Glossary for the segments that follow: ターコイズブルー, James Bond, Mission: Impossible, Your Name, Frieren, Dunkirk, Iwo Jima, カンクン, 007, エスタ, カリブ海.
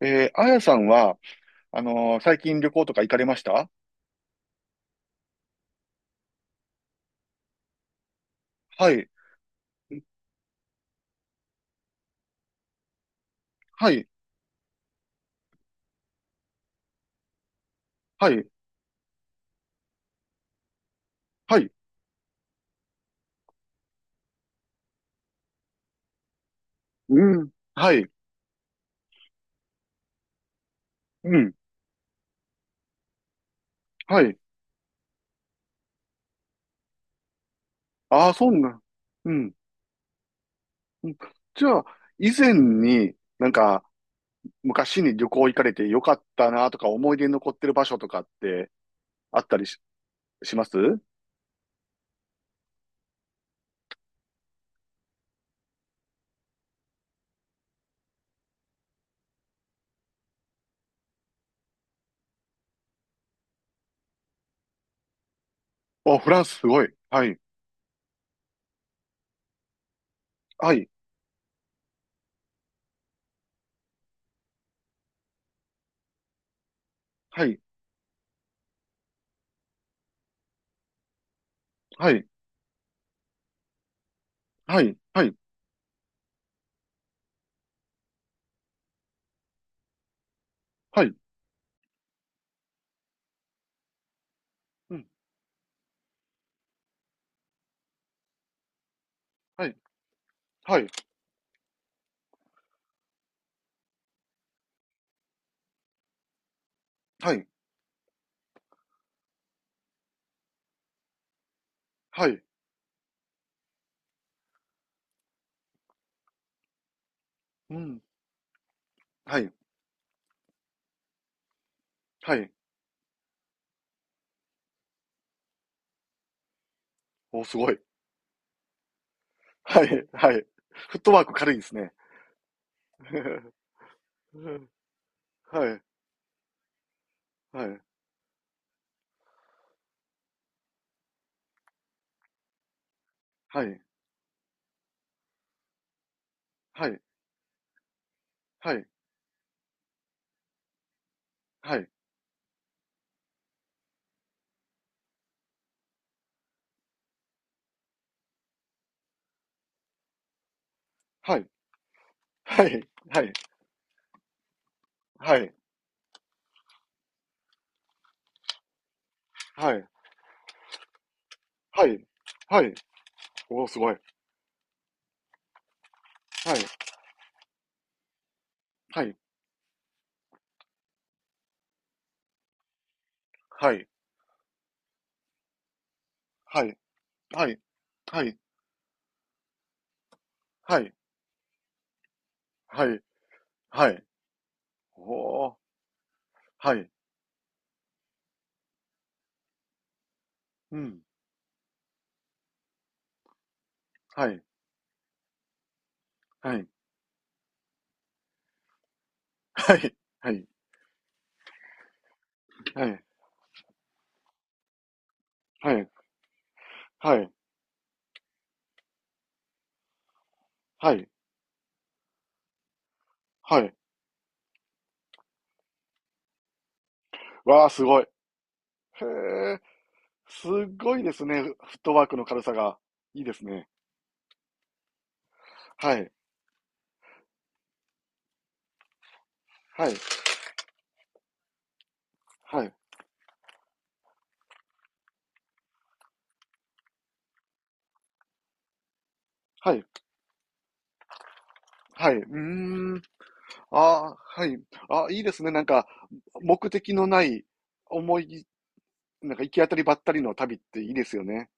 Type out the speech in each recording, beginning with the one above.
あやさんは、最近旅行とか行かれましたはい、はい、はい、はい、うん、はい、うん、はい。ああ、そんな、うん。じゃあ、以前になんか、昔に旅行行かれてよかったなとか、思い出に残ってる場所とかってあったりし、しますお、フランスすごい。はい、はい、はい、はい、はい、はい、はい、うん、はい、はい、はい、はい、うん、はい、はい。お、すごい。はい、はい。フットワーク軽いですね。はい、はい、はい、はい、はい、はい、はい、はい、はい、はい、はい、はい、はい。おお、すごい。はい、はい、はい、はい、はい、はい、はい、はい、はい。おお、はい、うん、はい、はい、はい、はい、はい、はい、はい、はい、はい。わあ、すごい。へえ、すごいですね。フットワークの軽さが。いいですね。はい、はい、はい、はい、はい、うーん、あー、はい、あー、いいですね、なんか、目的のない思い、なんか行き当たりばったりの旅っていいですよね。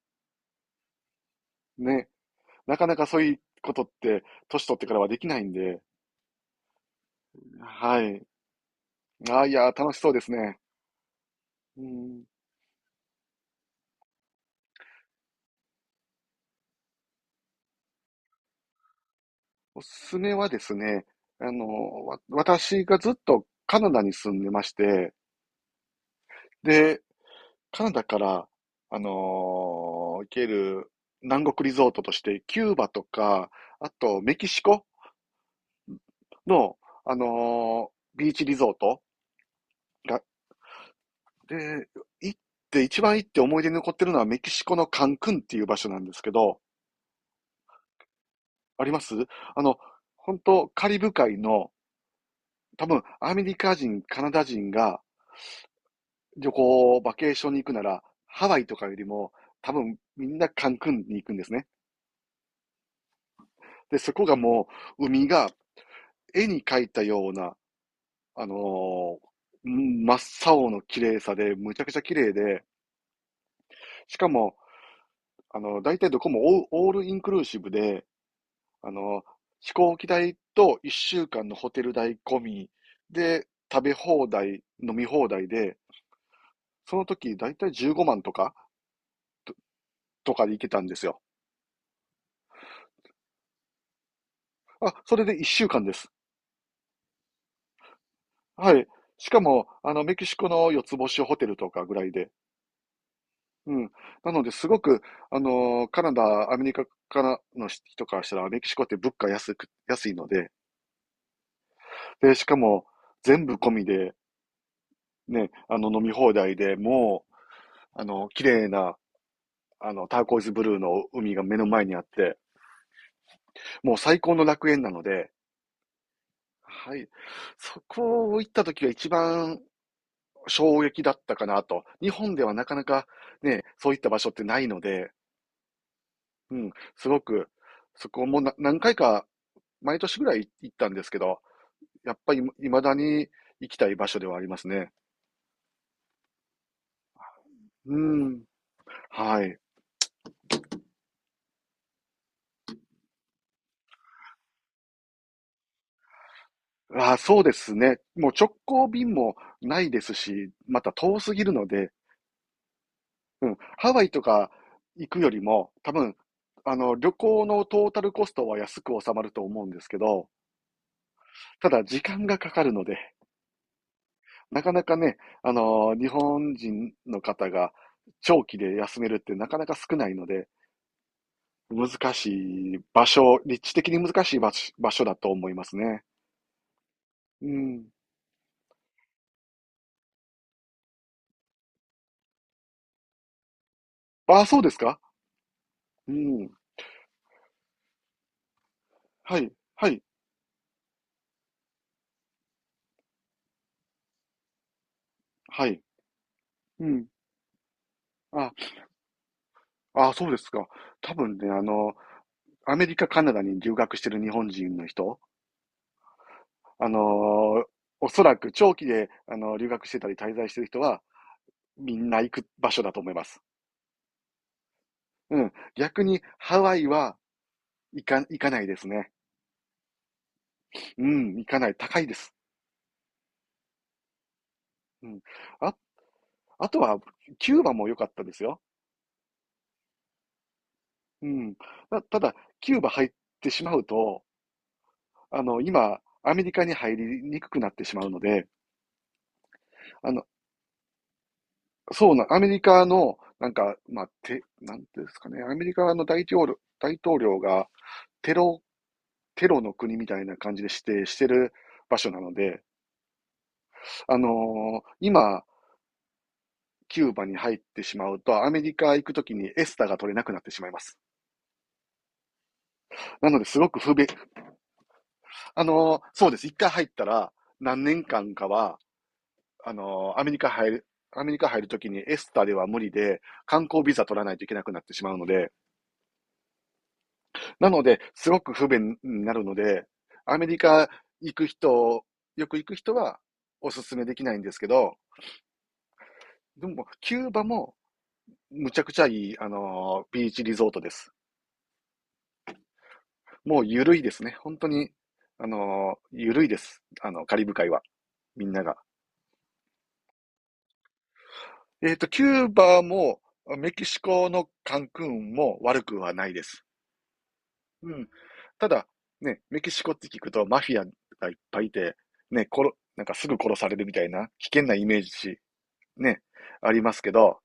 ね、なかなかそういうことって、年取ってからはできないんで、はい、あー、いやー、楽しそうですね。うん、おすすめはですね、私がずっとカナダに住んでまして、で、カナダから、あの行ける南国リゾートとして、キューバとか、あとメキシコの、あのビーチリゾートが、で、行って、一番行って思い出に残ってるのはメキシコのカンクンっていう場所なんですけど、あります。あの、本当カリブ海の、多分アメリカ人、カナダ人が旅行、バケーションに行くなら、ハワイとかよりも、多分みんなカンクンに行くんですね。で、そこがもう海が絵に描いたような、あのー真っ青の綺麗さで、むちゃくちゃ綺麗で、しかも、大体どこもオールインクルーシブで、あの、飛行機代と1週間のホテル代込みで、食べ放題、飲み放題で、その時大体15万とかで行けたんですよ。あ、それで1週間です。はい。しかも、メキシコの四つ星ホテルとかぐらいで、うん。なので、すごく、カナダ、アメリカからの人からしたら、メキシコって物価安いので、で、しかも、全部込みで、ね、飲み放題でもう、綺麗な、ターコイズブルーの海が目の前にあって、もう最高の楽園なので、はい。そこを行った時が一番衝撃だったかなと。日本ではなかなかね、そういった場所ってないので、うん、すごく、そこも何回か毎年ぐらい行ったんですけど、やっぱり未だに行きたい場所ではありますね。うん。はい。ああ、そうですね。もう直行便もないですし、また遠すぎるので、うん、ハワイとか行くよりも、多分、旅行のトータルコストは安く収まると思うんですけど、ただ時間がかかるので、なかなかね、日本人の方が長期で休めるってなかなか少ないので、難しい場所、立地的に難しい場所だと思いますね。うん。ああ、そうですか？うん。はい、はい、はい。うん。あ、ああそうですか。多分ね、アメリカ、カナダに留学してる日本人の人、あのおそらく長期で、留学してたり滞在してる人は、みんな行く場所だと思います。うん。逆に、ハワイは行かないですね。うん、行かない。高いです。うん。あ、あとは、キューバも良かったですよ。うん。ただ、キューバ入ってしまうと、今、アメリカに入りにくくなってしまうので、あの、そうな、アメリカの、なんか、まあ、なんていうんですかね、アメリカの大統領がテロ、テロの国みたいな感じで指定してる場所なので、今、キューバに入ってしまうと、アメリカ行くときにエスタが取れなくなってしまいます。なので、すごく不便。そうです。一回入ったら、何年間かは、あの、アメリカ入る、アメリカ入るときにエスタでは無理で、観光ビザ取らないといけなくなってしまうので、なので、すごく不便になるので、アメリカ行く人、よく行く人はおすすめできないんですけど、でも、キューバもむちゃくちゃいい、ビーチリゾートです。もうゆるいですね。本当に、ゆるいです。カリブ海は、みんなが。キューバも、メキシコのカンクンも悪くはないです。うん。ただ、ね、メキシコって聞くとマフィアがいっぱいいて、ね、なんかすぐ殺されるみたいな危険なイメージ、ね、ありますけど、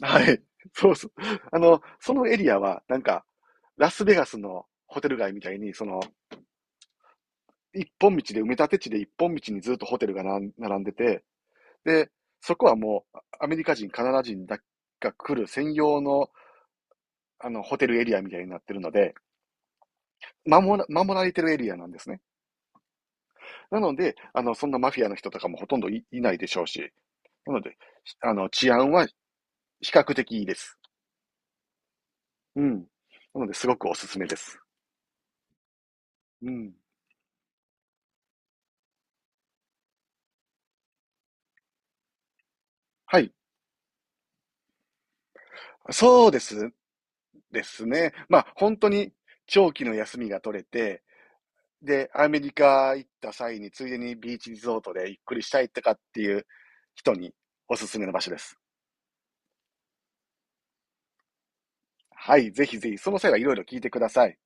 はい。そうそう。そのエリアは、なんか、ラスベガスのホテル街みたいに、その、一本道で、埋め立て地で一本道にずっとホテルが並んでて、で、そこはもう、アメリカ人、カナダ人だが来る専用の、ホテルエリアみたいになってるので、守られてるエリアなんですね。なので、そんなマフィアの人とかもほとんどいないでしょうし、なので、治安は比較的いいです。うん。なので、すごくおすすめです。うん。はい。そうです。ですね。まあ、本当に長期の休みが取れて、で、アメリカ行った際に、ついでにビーチリゾートでゆっくりしたいとかっていう人におすすめの場所です。はい。ぜひぜひ、その際はいろいろ聞いてください。